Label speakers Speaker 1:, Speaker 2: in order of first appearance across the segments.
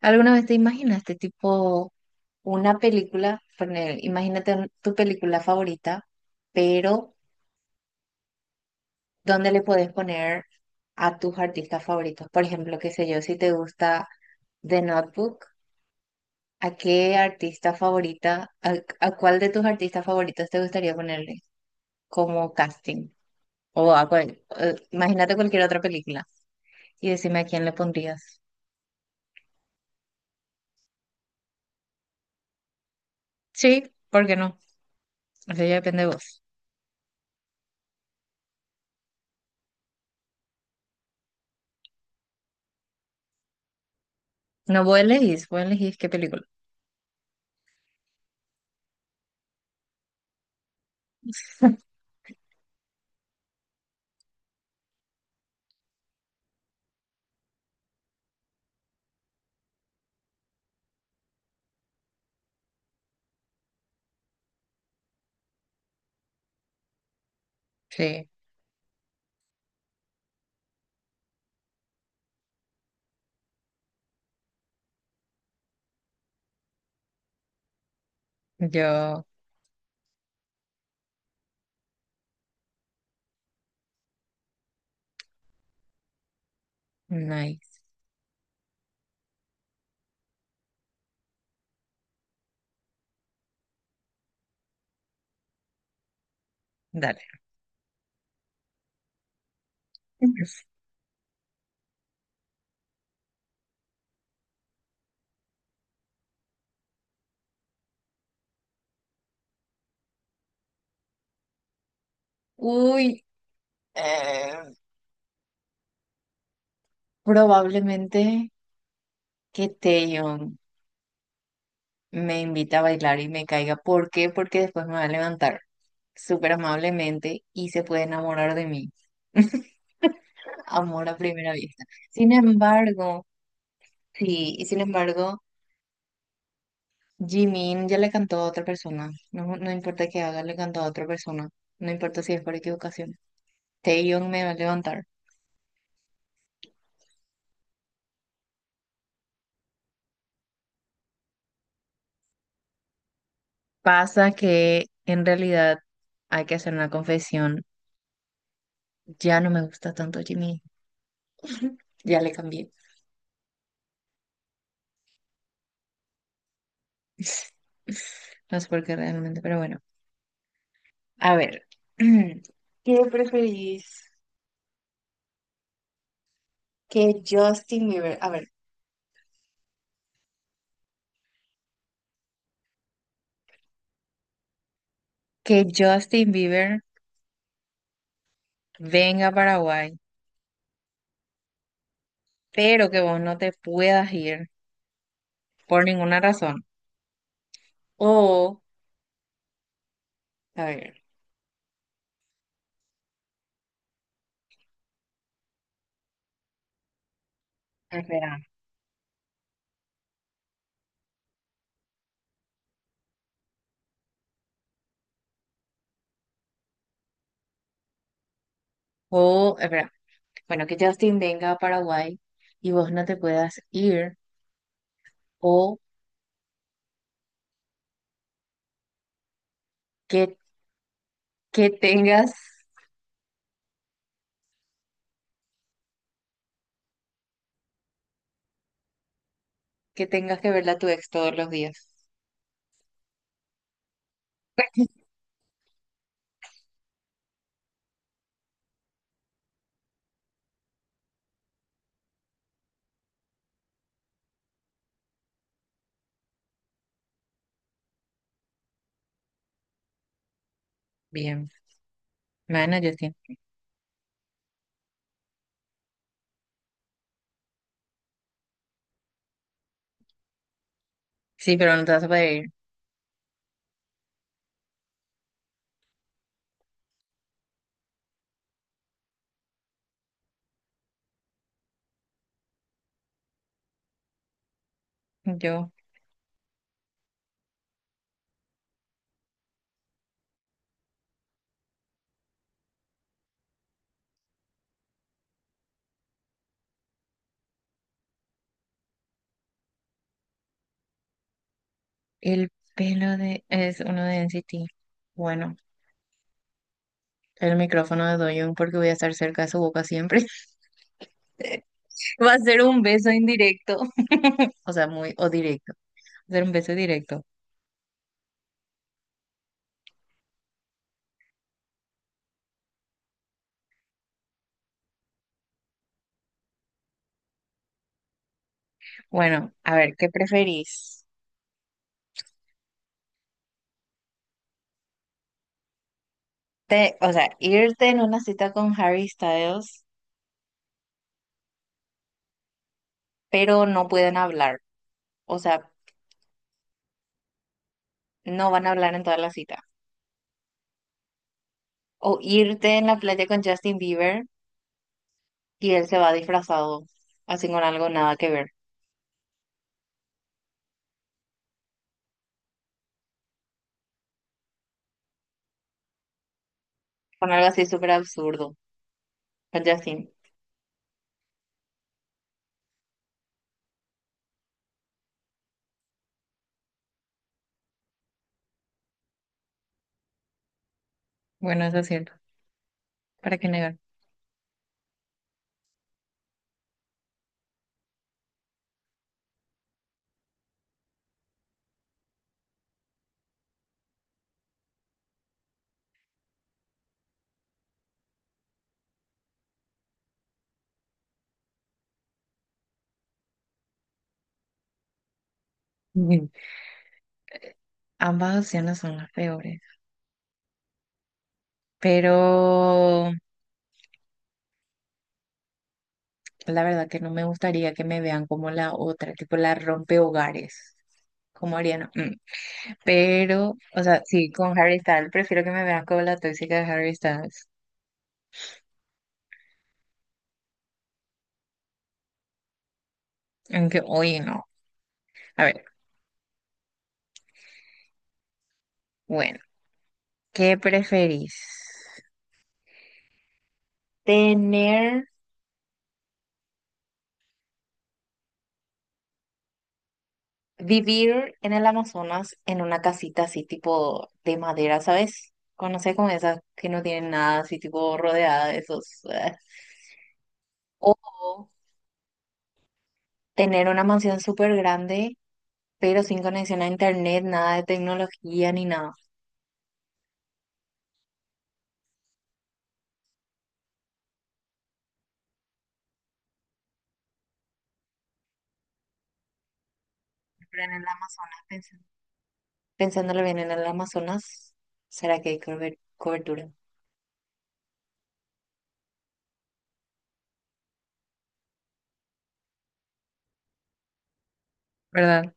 Speaker 1: ¿Alguna vez te imaginaste tipo una película, poner- imagínate un- tu película favorita, pero ¿dónde le puedes poner a tus artistas favoritos? Por ejemplo, qué sé yo, si te gusta The Notebook, ¿a qué artista favorita, a cuál de tus artistas favoritos te gustaría ponerle como casting? O a cuál, imagínate cualquier otra película y decime a quién le pondrías. Sí, ¿por qué no? Eso ya depende de vos. No, vos elegís qué película. Sí. Yo, nice. Dale. Uy, eh, probablemente que Taeyeon me invita a bailar y me caiga. ¿Por qué? Porque después me va a levantar súper amablemente y se puede enamorar de mí. Amor a primera vista. Sin embargo, sí, y sin embargo, Jimin ya le cantó a otra persona. No, no importa que haga, le cantó a otra persona. No importa si es por equivocación. Taeyeon me va a levantar. Pasa que en realidad hay que hacer una confesión. Ya no me gusta tanto Jimmy. Ya le cambié. No sé por qué realmente, pero bueno. A ver, ¿Qué preferís? Que Justin Bieber. A ver, que Justin Bieber venga a Paraguay, pero que vos no te puedas ir por ninguna razón. O, a ver, espera. O, espera. Bueno, que Justin venga a Paraguay y vos no te puedas ir. O Que, que tengas, que tengas que verla a tu ex todos los días. Bien. Bueno, yo sí, sí, pero no te vas a poder ir. Yo. El pelo de es uno de NCT. Bueno, el micrófono de Doyoung porque voy a estar cerca de su boca siempre. Va a ser un beso indirecto. O sea, muy, o directo. Va a ser un beso directo. Bueno, a ver, ¿qué preferís? Te, o sea, irte en una cita con Harry Styles, pero no pueden hablar. O sea, no van a hablar en toda la cita. O irte en la playa con Justin Bieber y él se va disfrazado, así con algo nada que ver, con algo así súper absurdo, con Justin. Bueno, eso es cierto. ¿Para qué negar? Ujú. Ambas opciones son las peores. Pero la verdad que no me gustaría que me vean como la otra, tipo la rompehogares, como Ariana. Mm. Pero, o sea, sí, con Harry Styles, prefiero que me vean como la tóxica de Harry Styles. Aunque hoy no. A ver, bueno. ¿Qué preferís? ¿Tener, vivir en el Amazonas en una casita así tipo de madera, ¿sabes? Conoces como esas que no tienen nada así tipo rodeada de esos. O tener una mansión súper grande, pero sin conexión a internet, nada de tecnología ni nada. Pero en el Amazonas, pensando, pensándolo bien, en el Amazonas, ¿será que hay cober- cobertura? ¿Verdad?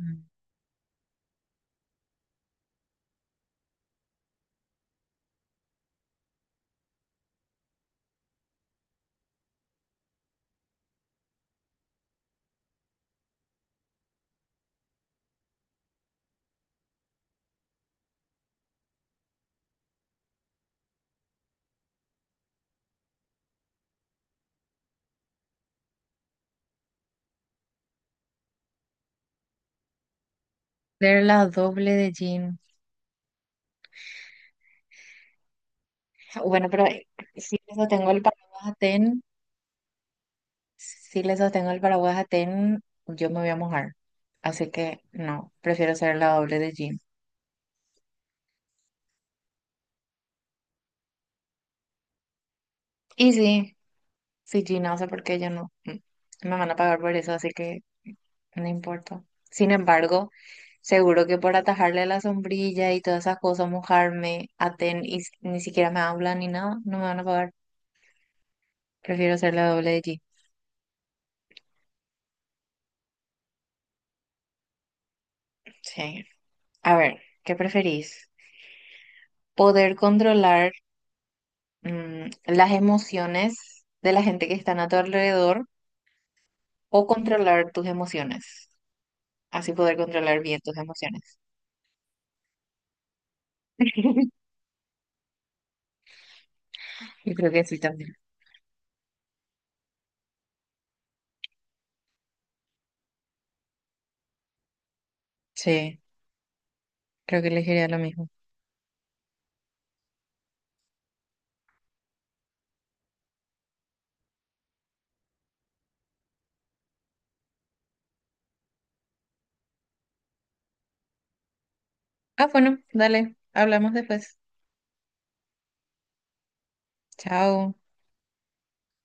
Speaker 1: Mm. Ser la doble de Jim. Bueno, pero si le sostengo el paraguas a Ten, si le sostengo el paraguas a Ten, yo me voy a mojar. Así que no, prefiero ser la doble de Jean. Y sí, si Jean hace porque yo no me van a pagar por eso, así que no importa. Sin embargo, seguro que por atajarle la sombrilla y todas esas cosas, mojarme a Ten y s- ni siquiera me hablan ni nada, no me van a pagar. Prefiero ser la doble de Jean. Sí. A ver, ¿qué preferís? ¿Poder controlar las emociones de la gente que están a tu alrededor o controlar tus emociones? Así poder controlar bien tus emociones. Yo creo que sí también. Sí, creo que elegiría lo mismo. Ah, bueno, dale, hablamos después. Chao.